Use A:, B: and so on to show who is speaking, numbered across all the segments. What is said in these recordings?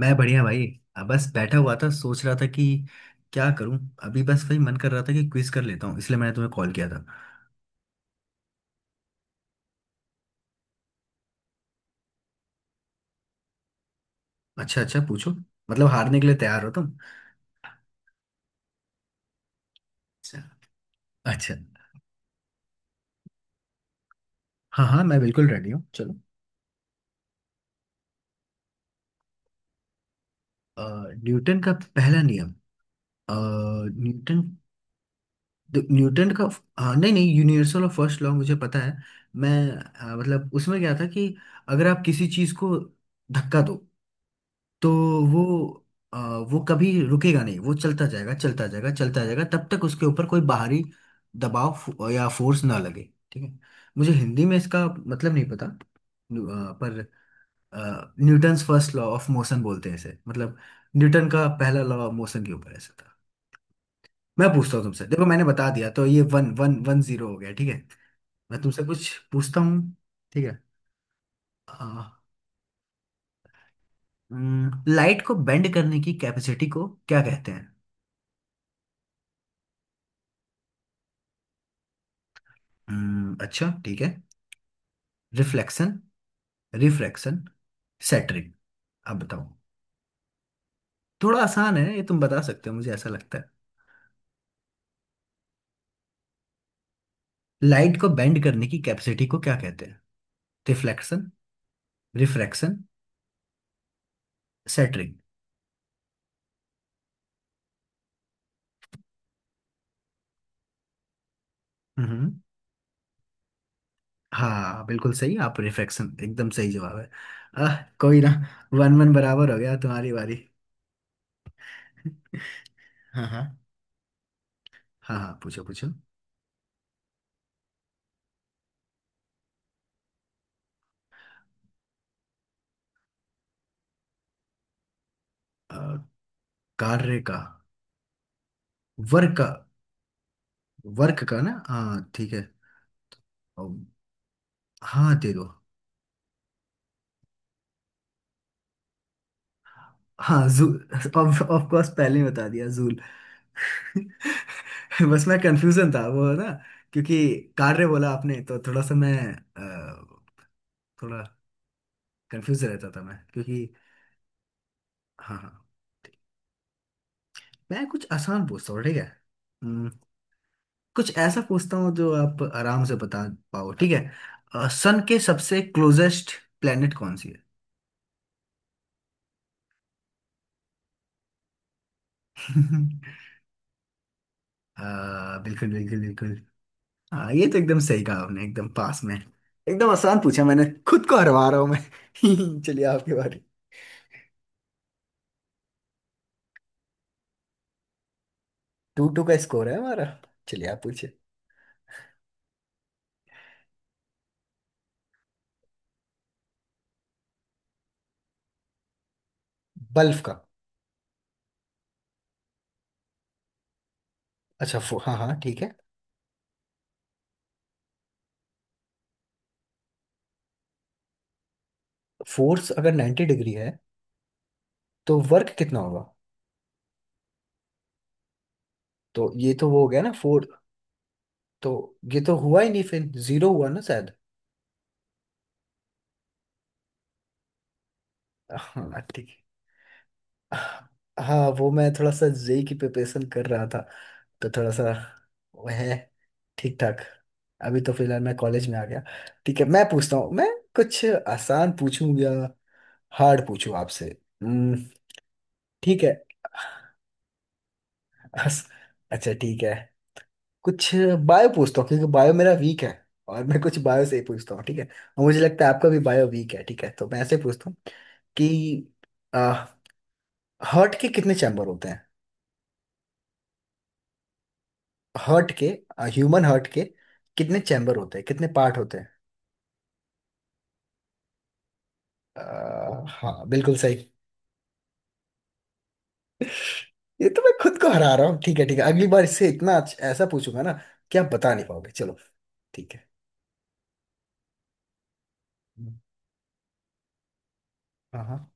A: मैं बढ़िया भाई। अब बस बैठा हुआ था सोच रहा था कि क्या करूं। अभी बस वही मन कर रहा था कि क्विज कर लेता हूं, इसलिए मैंने तुम्हें कॉल किया था। अच्छा अच्छा, पूछो। मतलब हारने के लिए तैयार हो तुम? अच्छा। अच्छा। हाँ हाँ, मैं बिल्कुल रेडी हूँ, चलो। अ, न्यूटन का पहला नियम। अ, न्यूटन, न्यूटन का। हाँ, नहीं नहीं, यूनिवर्सल और फर्स्ट लॉ मुझे पता है। मैं मतलब उसमें क्या था कि अगर आप किसी चीज को धक्का दो तो वो अ, वो कभी रुकेगा नहीं, वो चलता जाएगा चलता जाएगा चलता जाएगा तब तक उसके ऊपर कोई बाहरी दबाव या फोर्स ना लगे। ठीक है। मुझे हिंदी में इसका मतलब नहीं पता। पर Newton's first law of motion बोलते हैं इसे। मतलब न्यूटन का पहला लॉ ऑफ मोशन के ऊपर ऐसा था। मैं पूछता हूँ तुमसे, देखो मैंने बता दिया, तो ये 1-1-1-0 हो गया। ठीक है। मैं तुमसे कुछ पूछता हूँ। ठीक है। लाइट को बेंड करने की कैपेसिटी को क्या कहते हैं? अच्छा ठीक है। रिफ्लेक्शन। रिफ्रैक्शन। सैटरिंग। अब बताओ। थोड़ा आसान है ये, तुम बता सकते हो मुझे ऐसा लगता है। लाइट को बेंड करने की कैपेसिटी को क्या कहते हैं? रिफ्लेक्शन। रिफ्रैक्शन। सैटरिंग। हम्म। हाँ बिल्कुल सही, आप रिफ्रैक्शन एकदम सही जवाब है। आह। कोई ना। 1-1 बराबर हो गया, तुम्हारी बारी। हाँ हाँ। हाँ हाँ, पूछो पूछो। अ, कार्य का। वर्क का। वर्क का ना, हाँ ठीक है। अ, हाँ, दे दो। हाँ, जूल। ऑफ ऑफ कोर्स पहले ही बता दिया, जूल। बस मैं कंफ्यूजन था वो ना। क्योंकि कार्य बोला आपने तो थोड़ा सा मैं अ, थोड़ा कंफ्यूज रहता था मैं, क्योंकि। हाँ हाँ। ठीक। मैं कुछ आसान पूछता हूँ, ठीक है। हम्म, कुछ ऐसा पूछता हूँ जो आप आराम से बता पाओ। ठीक है। सन के सबसे क्लोजेस्ट प्लेनेट कौन सी है? अ, बिल्कुल बिल्कुल बिल्कुल। हाँ, ये तो एकदम सही कहा आपने, एकदम पास में एकदम आसान पूछा, मैंने खुद को हरवा रहा हूँ मैं। चलिए, आपकी बारी। 2-2 का स्कोर है हमारा। चलिए, आप पूछिए। बल्ब का। अच्छा, हाँ हाँ ठीक है। फोर्स अगर 90 डिग्री है तो वर्क कितना होगा? तो ये तो वो हो गया ना, फोर। तो ये तो हुआ ही नहीं फिर। जीरो हुआ ना शायद। हाँ ठीक। हाँ, वो मैं थोड़ा सा जेई की प्रिपरेशन कर रहा था, तो थोड़ा सा वो है ठीक ठाक। अभी तो फिलहाल मैं कॉलेज में आ गया। ठीक है, मैं पूछता हूँ मैं। कुछ आसान पूछूं या हार्ड पूछूं आपसे? हम्म, ठीक है। अस- अच्छा ठीक है। कुछ बायो पूछता हूँ, क्योंकि बायो मेरा वीक है, और मैं कुछ बायो से ही पूछता हूँ, ठीक है। और मुझे लगता है आपका भी बायो वीक है, ठीक है, तो मैं ऐसे पूछता हूँ कि हार्ट के कितने चैम्बर होते हैं? हर्ट के। ह्यूमन हर्ट के कितने चैम्बर होते हैं, कितने पार्ट होते हैं? हाँ, बिल्कुल सही। ये तो मैं खुद को हरा रहा हूँ, ठीक है ठीक है, अगली बार इससे इतना ऐसा पूछूंगा ना कि आप बता नहीं पाओगे, चलो। ठीक है। हम्म। हाँ हाँ।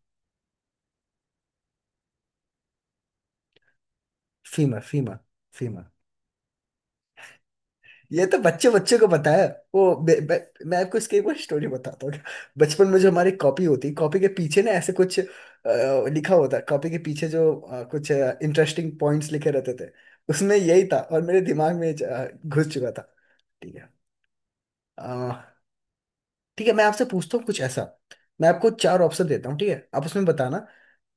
A: Femur, femur. फीमर। ये तो बच्चे बच्चे को पता है। वो बे- बे- मैं आपको इसकी एक बार स्टोरी बताता हूँ। बचपन में जो हमारी कॉपी होती, कॉपी के पीछे ना ऐसे कुछ लिखा होता, कॉपी के पीछे जो कुछ इंटरेस्टिंग पॉइंट्स लिखे रहते थे। उसमें यही था और मेरे दिमाग में घुस चुका था। ठीक है। अ, ठीक है, मैं आपसे पूछता हूँ कुछ ऐसा। मैं आपको चार ऑप्शन देता हूँ, ठीक है, आप उसमें बताना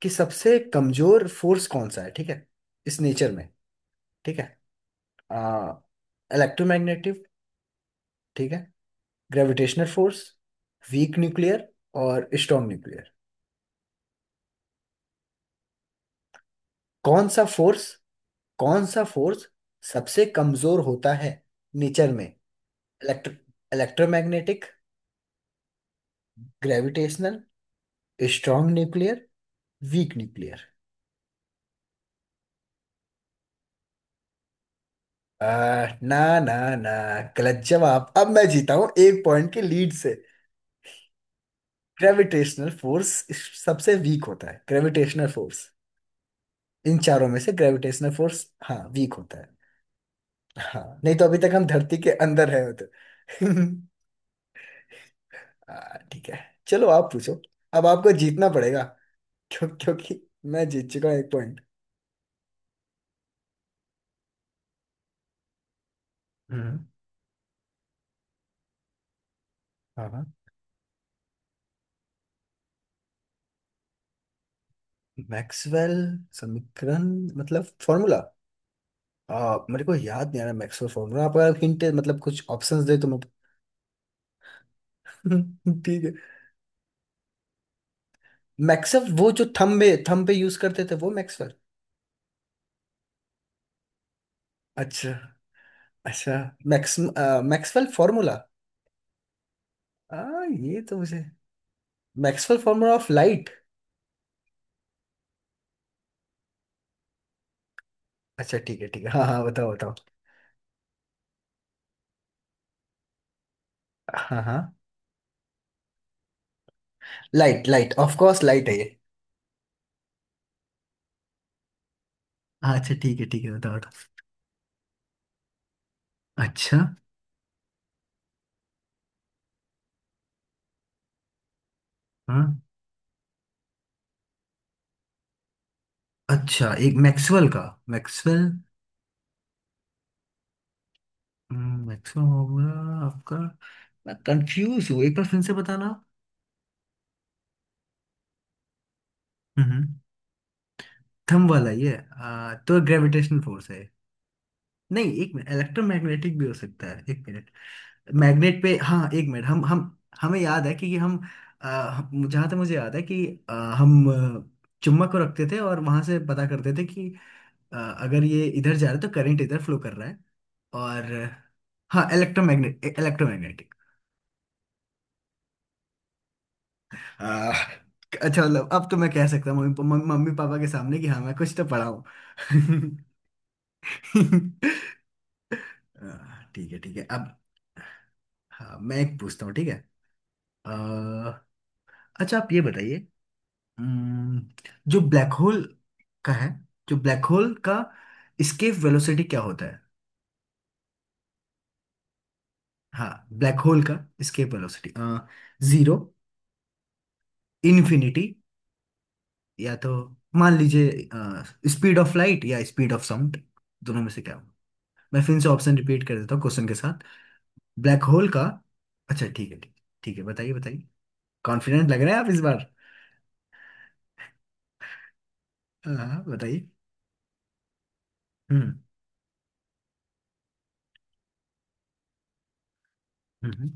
A: कि सबसे कमजोर फोर्स कौन सा है, ठीक है, इस नेचर में। ठीक है। इलेक्ट्रोमैग्नेटिव। ठीक है। Gravitational force. Weak nuclear. और स्ट्रॉन्ग न्यूक्लियर। कौन सा फोर्स कौन सा फोर्स सबसे कमजोर होता है नेचर में? Electro electromagnetic. Gravitational. Strong nuclear. Weak nuclear. आ, ना ना ना, गलत जवाब, अब मैं जीता हूँ एक पॉइंट के लीड से। ग्रेविटेशनल फोर्स सबसे वीक होता है। ग्रेविटेशनल फोर्स, इन चारों में से ग्रेविटेशनल फोर्स हाँ वीक होता है। हाँ, नहीं तो अभी तक हम धरती के अंदर है तो। ठीक है, चलो आप पूछो। अब आपको जीतना पड़ेगा, क्यों? क्योंकि मैं जीत चुका हूँ एक पॉइंट। हम्म। हाँ हाँ। मैक्सवेल समीकरण मतलब फॉर्मूला। मेरे को याद नहीं आ रहा मैक्सवेल फॉर्मूला, आप अगर हिंट मतलब कुछ ऑप्शंस दे तो मैं। ठीक है। मैक्सवेल, वो जो थंब में थंब पे यूज करते थे, वो मैक्सवेल। अच्छा। अच्छा। Max Maxwell formula. आ, ये तो मुझे मैक्सवेल फॉर्मूला ऑफ लाइट। अच्छा ठीक है ठीक है, हाँ हाँ, बताओ बताओ। हाँ हाँ। Light light of course light है। अच्छा ठीक है ठीक है, बताओ। बताओ। अच्छा। हाँ। अच्छा, एक मैक्सवेल का मैक्सवेल। मैक्सवेल होगा आपका। मैं कंफ्यूज हूँ, एक बार फिर से बताना। हम्म। थंब वाला ये तो ग्रेविटेशनल फोर्स है। नहीं, एक मिनट, इलेक्ट्रोमैग्नेटिक भी हो सकता है, एक मिनट। मैग्नेट पे हाँ, एक मिनट, हम हम। हमें याद है कि हम, जहाँ तक मुझे याद है कि हम चुम्बक को रखते थे और वहां से पता करते थे कि अगर ये इधर जा रहा है तो करंट इधर फ्लो कर रहा है, और हाँ, इलेक्ट्रोमैग्नेटिक। आ, अच्छा मतलब अब तो मैं कह सकता हूँ मम्मी मम्मी मम्मी पापा के सामने कि हाँ मैं कुछ तो पढ़ा हूँ। ठीक है ठीक है, अब। हाँ, मैं एक पूछता हूँ, ठीक है। अ, अच्छा, आप ये बताइए। अम्म, जो ब्लैक होल का है, जो ब्लैक होल का एस्केप वेलोसिटी क्या होता है? हाँ, ब्लैक होल का एस्केप वेलोसिटी जीरो, इन्फिनिटी, या तो मान लीजिए स्पीड ऑफ लाइट या स्पीड ऑफ साउंड, दोनों में से क्या होगा? मैं फिर से ऑप्शन रिपीट कर देता हूँ क्वेश्चन के साथ। ब्लैक होल का। अच्छा ठीक है, ठीक। ठीक है, बताइए बताइए। कॉन्फिडेंट लग रहे हैं आप इस बार। हाँ हाँ, बताइए। हम्म, हम्म,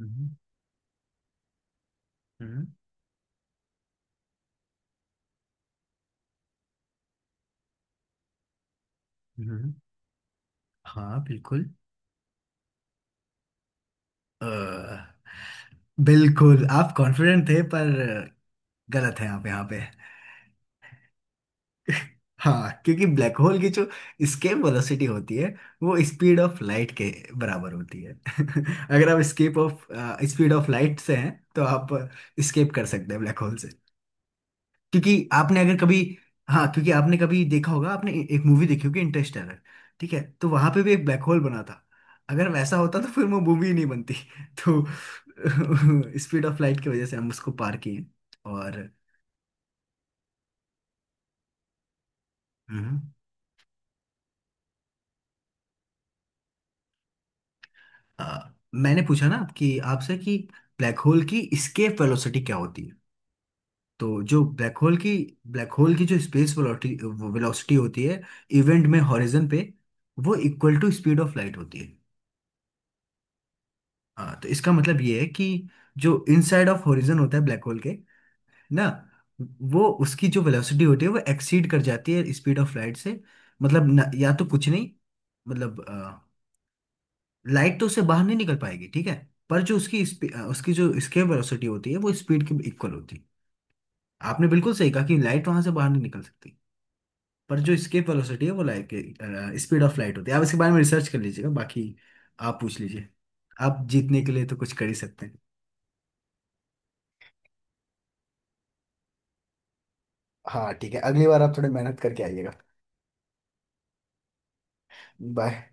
A: हम्म, हम्म, हम्म, हम्म, हाँ बिल्कुल। अ, बिल्कुल आप कॉन्फिडेंट थे पर गलत है आप यहाँ पे। हाँ, क्योंकि ब्लैक होल की जो स्केप वेलोसिटी होती है वो स्पीड ऑफ लाइट के बराबर होती है। अगर आप escape of speed of light से हैं तो आप स्केप कर सकते हैं ब्लैक होल से, क्योंकि आपने अगर कभी। हाँ, क्योंकि आपने कभी देखा होगा, आपने एक मूवी देखी होगी इंटरस्टेलर। ठीक है, तो वहां पे भी एक ब्लैक होल बना था। अगर वैसा होता तो फिर वो मूवी ही नहीं बनती, तो स्पीड ऑफ लाइट की वजह से हम उसको पार किए और। हम्म। मैंने पूछा ना कि आपसे कि ब्लैक होल की एस्केप वेलोसिटी क्या होती है? तो जो ब्लैक होल की जो स्पेस वेलोसिटी वेलोसिटी होती है इवेंट में हॉरिजन पे, वो equal to speed of light होती है। हाँ, तो इसका मतलब ये है कि जो इनसाइड ऑफ हॉरिजन होता है ब्लैक होल के ना, वो उसकी जो वेलोसिटी होती है वो एक्सीड कर जाती है स्पीड ऑफ लाइट से। मतलब न, या तो कुछ नहीं, मतलब लाइट तो उससे बाहर नहीं निकल पाएगी, ठीक है। पर जो उसकी उसकी जो स्केप वेलोसिटी होती है वो स्पीड के इक्वल होती है। आपने बिल्कुल सही कहा कि लाइट वहां से बाहर नहीं निकल सकती। पर जो स्केप वेलोसिटी है वो लाइट के स्पीड ऑफ लाइट होती है, आप इसके बारे में रिसर्च कर लीजिएगा, बाकी आप पूछ लीजिए। आप जीतने के लिए तो कुछ कर ही सकते हैं। हाँ ठीक है, अगली बार आप थोड़ी मेहनत करके आइएगा। बाय।